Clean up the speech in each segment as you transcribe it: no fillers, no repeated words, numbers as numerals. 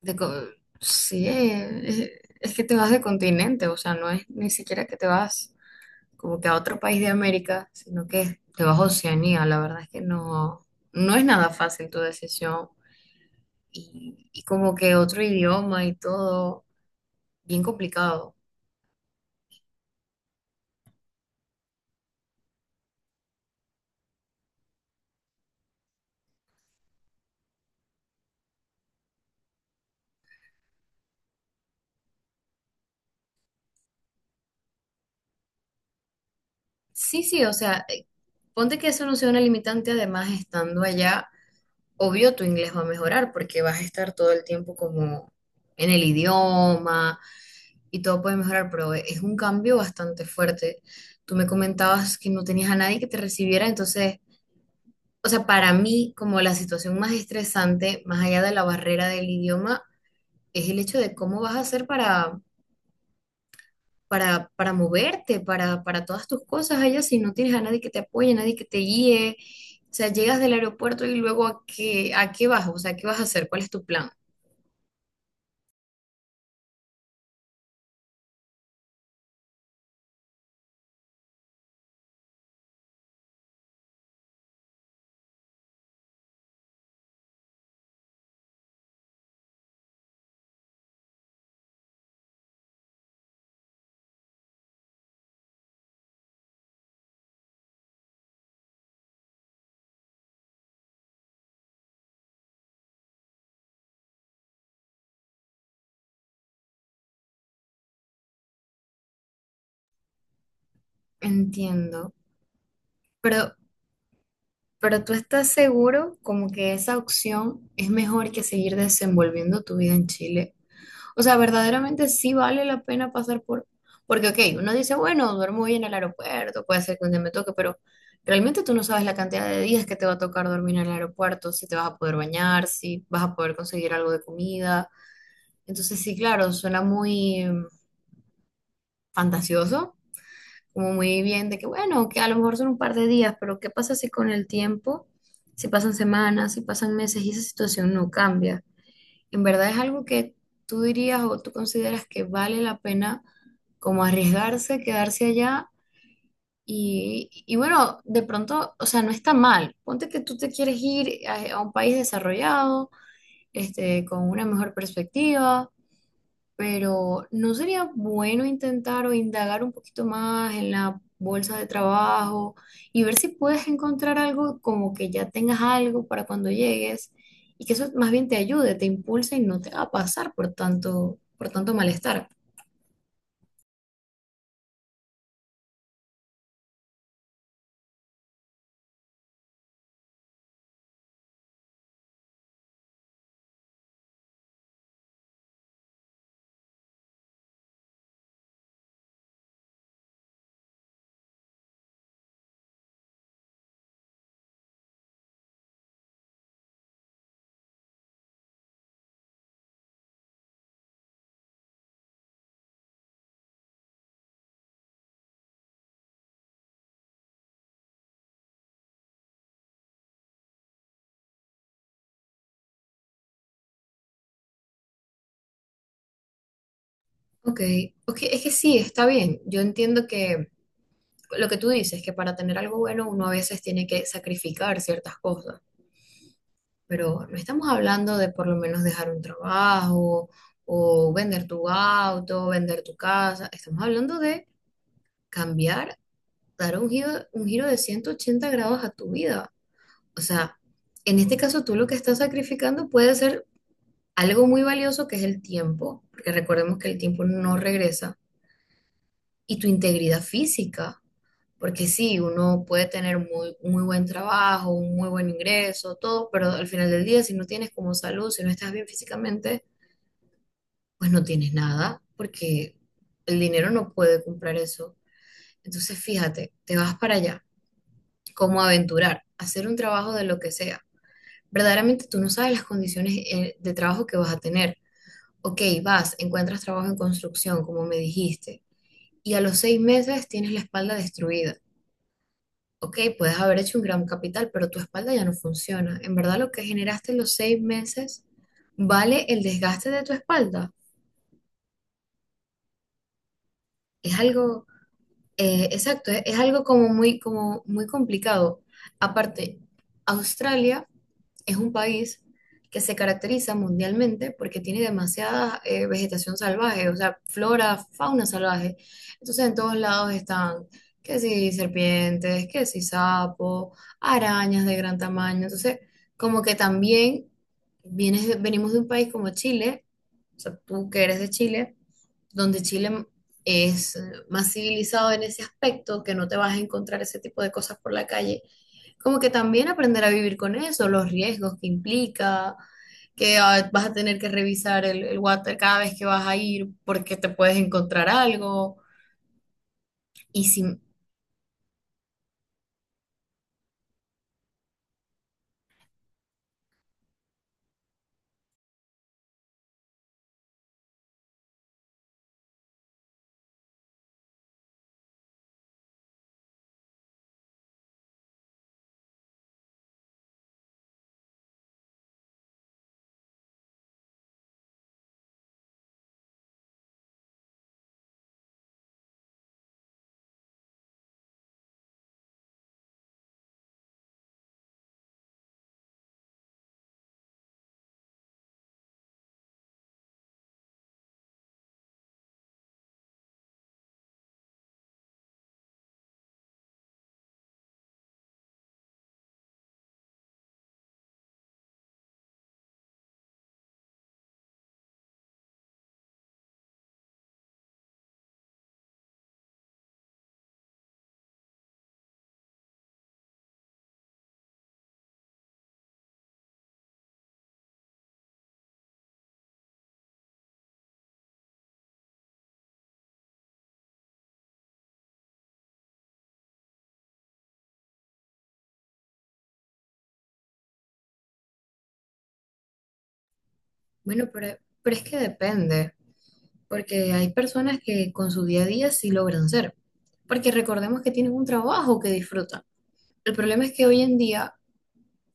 De co- sí, es que te vas de continente, o sea, no es ni siquiera que te vas como que a otro país de América, sino que te vas a Oceanía. La verdad es que no es nada fácil tu decisión y como que otro idioma y todo, bien complicado. Sí, sí, o sea, ponte que eso no sea una limitante, además estando allá, obvio tu inglés va a mejorar porque vas a estar todo el tiempo como en el idioma y todo puede mejorar, pero es un cambio bastante fuerte. Tú me comentabas que no tenías a nadie que te recibiera, entonces, o sea, para mí como la situación más estresante, más allá de la barrera del idioma, es el hecho de cómo vas a hacer para, para moverte, para todas tus cosas allá, si no tienes a nadie que te apoye, nadie que te guíe. O sea, llegas del aeropuerto y luego a qué vas, o sea, ¿qué vas a hacer? ¿Cuál es tu plan? Entiendo. Pero Pero tú estás seguro como que esa opción es mejor que seguir desenvolviendo tu vida en Chile. O sea, verdaderamente sí vale la pena pasar por. Porque, ok, uno dice, bueno, duermo hoy en el aeropuerto, puede ser que un día me toque, pero realmente tú no sabes la cantidad de días que te va a tocar dormir en el aeropuerto, si te vas a poder bañar, si vas a poder conseguir algo de comida. Entonces, sí, claro, suena muy fantasioso, como muy bien de que, bueno, que a lo mejor son un par de días, pero ¿qué pasa si con el tiempo, si pasan semanas, si pasan meses y esa situación no cambia? ¿En verdad es algo que tú dirías o tú consideras que vale la pena como arriesgarse, quedarse allá? Y bueno, de pronto, o sea, no está mal. Ponte que tú te quieres ir a un país desarrollado, con una mejor perspectiva pero ¿no sería bueno intentar o indagar un poquito más en la bolsa de trabajo y ver si puedes encontrar algo como que ya tengas algo para cuando llegues y que eso más bien te ayude, te impulse y no te va a pasar por tanto malestar? Ok, ok, es que sí, está bien. Yo entiendo que lo que tú dices, que para tener algo bueno uno a veces tiene que sacrificar ciertas cosas. Pero no estamos hablando de por lo menos dejar un trabajo o vender tu auto, vender tu casa, estamos hablando de cambiar, dar un giro de 180 grados a tu vida. O sea, en este caso tú lo que estás sacrificando puede ser algo muy valioso que es el tiempo, porque recordemos que el tiempo no regresa, y tu integridad física. Porque sí, uno puede tener un muy buen trabajo, un muy buen ingreso, todo, pero al final del día, si no tienes como salud, si no estás bien físicamente, pues no tienes nada, porque el dinero no puede comprar eso. Entonces, fíjate, te vas para allá, como a aventurar, a hacer un trabajo de lo que sea. Verdaderamente tú no sabes las condiciones de trabajo que vas a tener. Ok, vas, encuentras trabajo en construcción, como me dijiste, y a los 6 meses tienes la espalda destruida. Ok, puedes haber hecho un gran capital, pero tu espalda ya no funciona. En verdad, lo que generaste en los 6 meses vale el desgaste de tu espalda. Es algo Exacto, es algo como muy complicado. Aparte, Australia es un país que se caracteriza mundialmente porque tiene demasiada vegetación salvaje, o sea, flora, fauna salvaje. Entonces, en todos lados están, que si serpientes, que si sapos, arañas de gran tamaño. Entonces, como que también venimos de un país como Chile, o sea, tú que eres de Chile donde Chile es más civilizado en ese aspecto, que no te vas a encontrar ese tipo de cosas por la calle, como que también aprender a vivir con eso, los riesgos que implica, que vas a tener que revisar el water cada vez que vas a ir porque te puedes encontrar algo. Y si, Bueno, pero, es que depende, porque hay personas que con su día a día sí logran ser, porque recordemos que tienen un trabajo que disfrutan. El problema es que hoy en día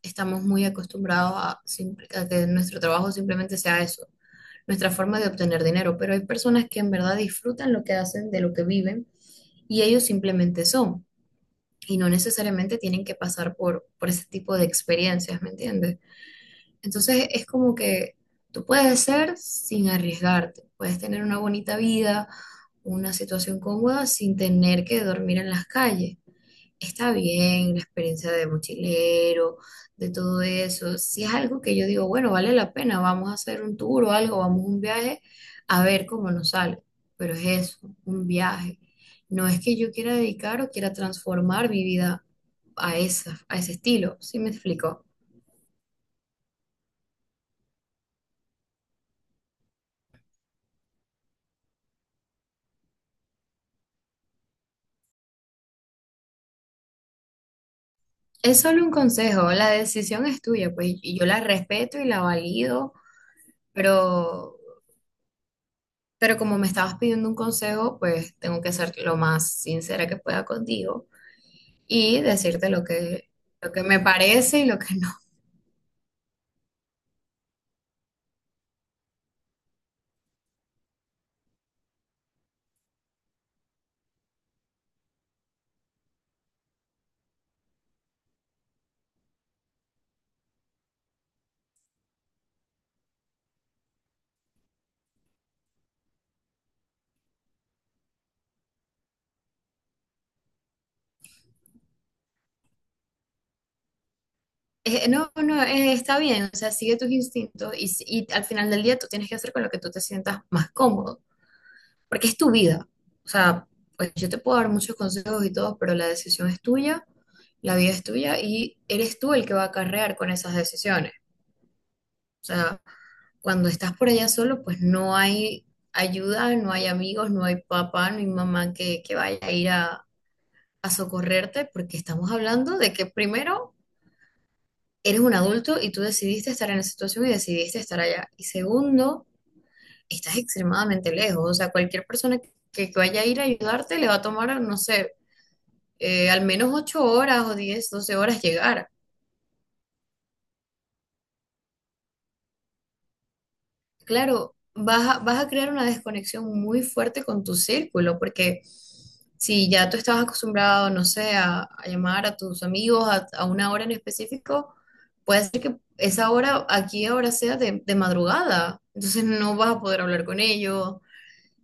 estamos muy acostumbrados a que nuestro trabajo simplemente sea eso, nuestra forma de obtener dinero, pero hay personas que en verdad disfrutan lo que hacen, de lo que viven, y ellos simplemente son, y no necesariamente tienen que pasar por ese tipo de experiencias, ¿me entiendes? Entonces es como que tú puedes ser sin arriesgarte, puedes tener una bonita vida, una situación cómoda sin tener que dormir en las calles. Está bien la experiencia de mochilero, de todo eso. Si es algo que yo digo, bueno, vale la pena, vamos a hacer un tour o algo, vamos a un viaje, a ver cómo nos sale. Pero es eso, un viaje. No es que yo quiera dedicar o quiera transformar mi vida a esa, a ese estilo, ¿sí me explico? Es solo un consejo, la decisión es tuya, pues y yo la respeto y la valido, pero, pero como me estabas pidiendo un consejo, pues tengo que ser lo más sincera que pueda contigo, y decirte lo que me parece y lo que no. No, no, está bien, o sea, sigue tus instintos y, si- y al final del día tú tienes que hacer con lo que tú te sientas más cómodo, porque es tu vida. O sea, pues yo te puedo dar muchos consejos y todo, pero la decisión es tuya, la vida es tuya y eres tú el que va a acarrear con esas decisiones. O sea, cuando estás por allá solo, pues no hay ayuda, no hay amigos, no hay papá, no hay mamá que vaya a ir a socorrerte, porque estamos hablando de que primero eres un adulto y tú decidiste estar en esa situación y decidiste estar allá. Y segundo, estás extremadamente lejos. O sea, cualquier persona que vaya a ir a ayudarte le va a tomar, no sé, al menos 8 horas o 10 12 horas llegar. Claro, vas a crear una desconexión muy fuerte con tu círculo, porque si ya tú estabas acostumbrado, no sé, a llamar a tus amigos a una hora en específico, puede ser que esa hora aquí ahora sea de madrugada, entonces no vas a poder hablar con ellos,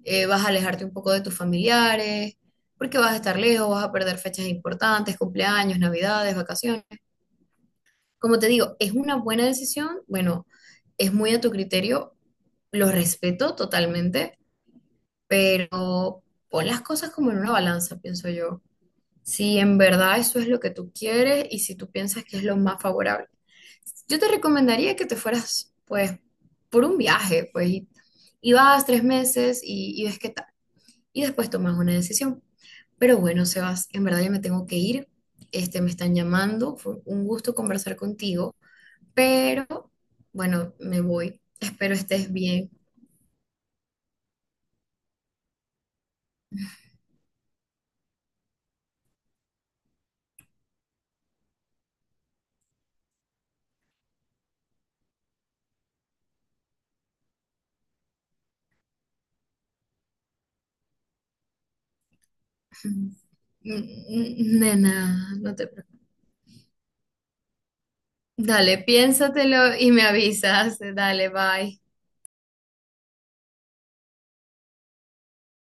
vas a alejarte un poco de tus familiares, porque vas a estar lejos, vas a perder fechas importantes, cumpleaños, navidades, vacaciones. Como te digo, es una buena decisión, bueno, es muy a tu criterio, lo respeto totalmente, pero pon las cosas como en una balanza, pienso yo. Si en verdad eso es lo que tú quieres y si tú piensas que es lo más favorable. Yo te recomendaría que te fueras, pues, por un viaje, pues, y vas 3 meses y ves qué tal. Y después tomas una decisión. Pero bueno, Sebas, en verdad yo me tengo que ir. Me están llamando. Fue un gusto conversar contigo. Pero bueno, me voy. Espero estés bien. Nena, no te preocupes. Dale, piénsatelo y me avisas. Dale, bye.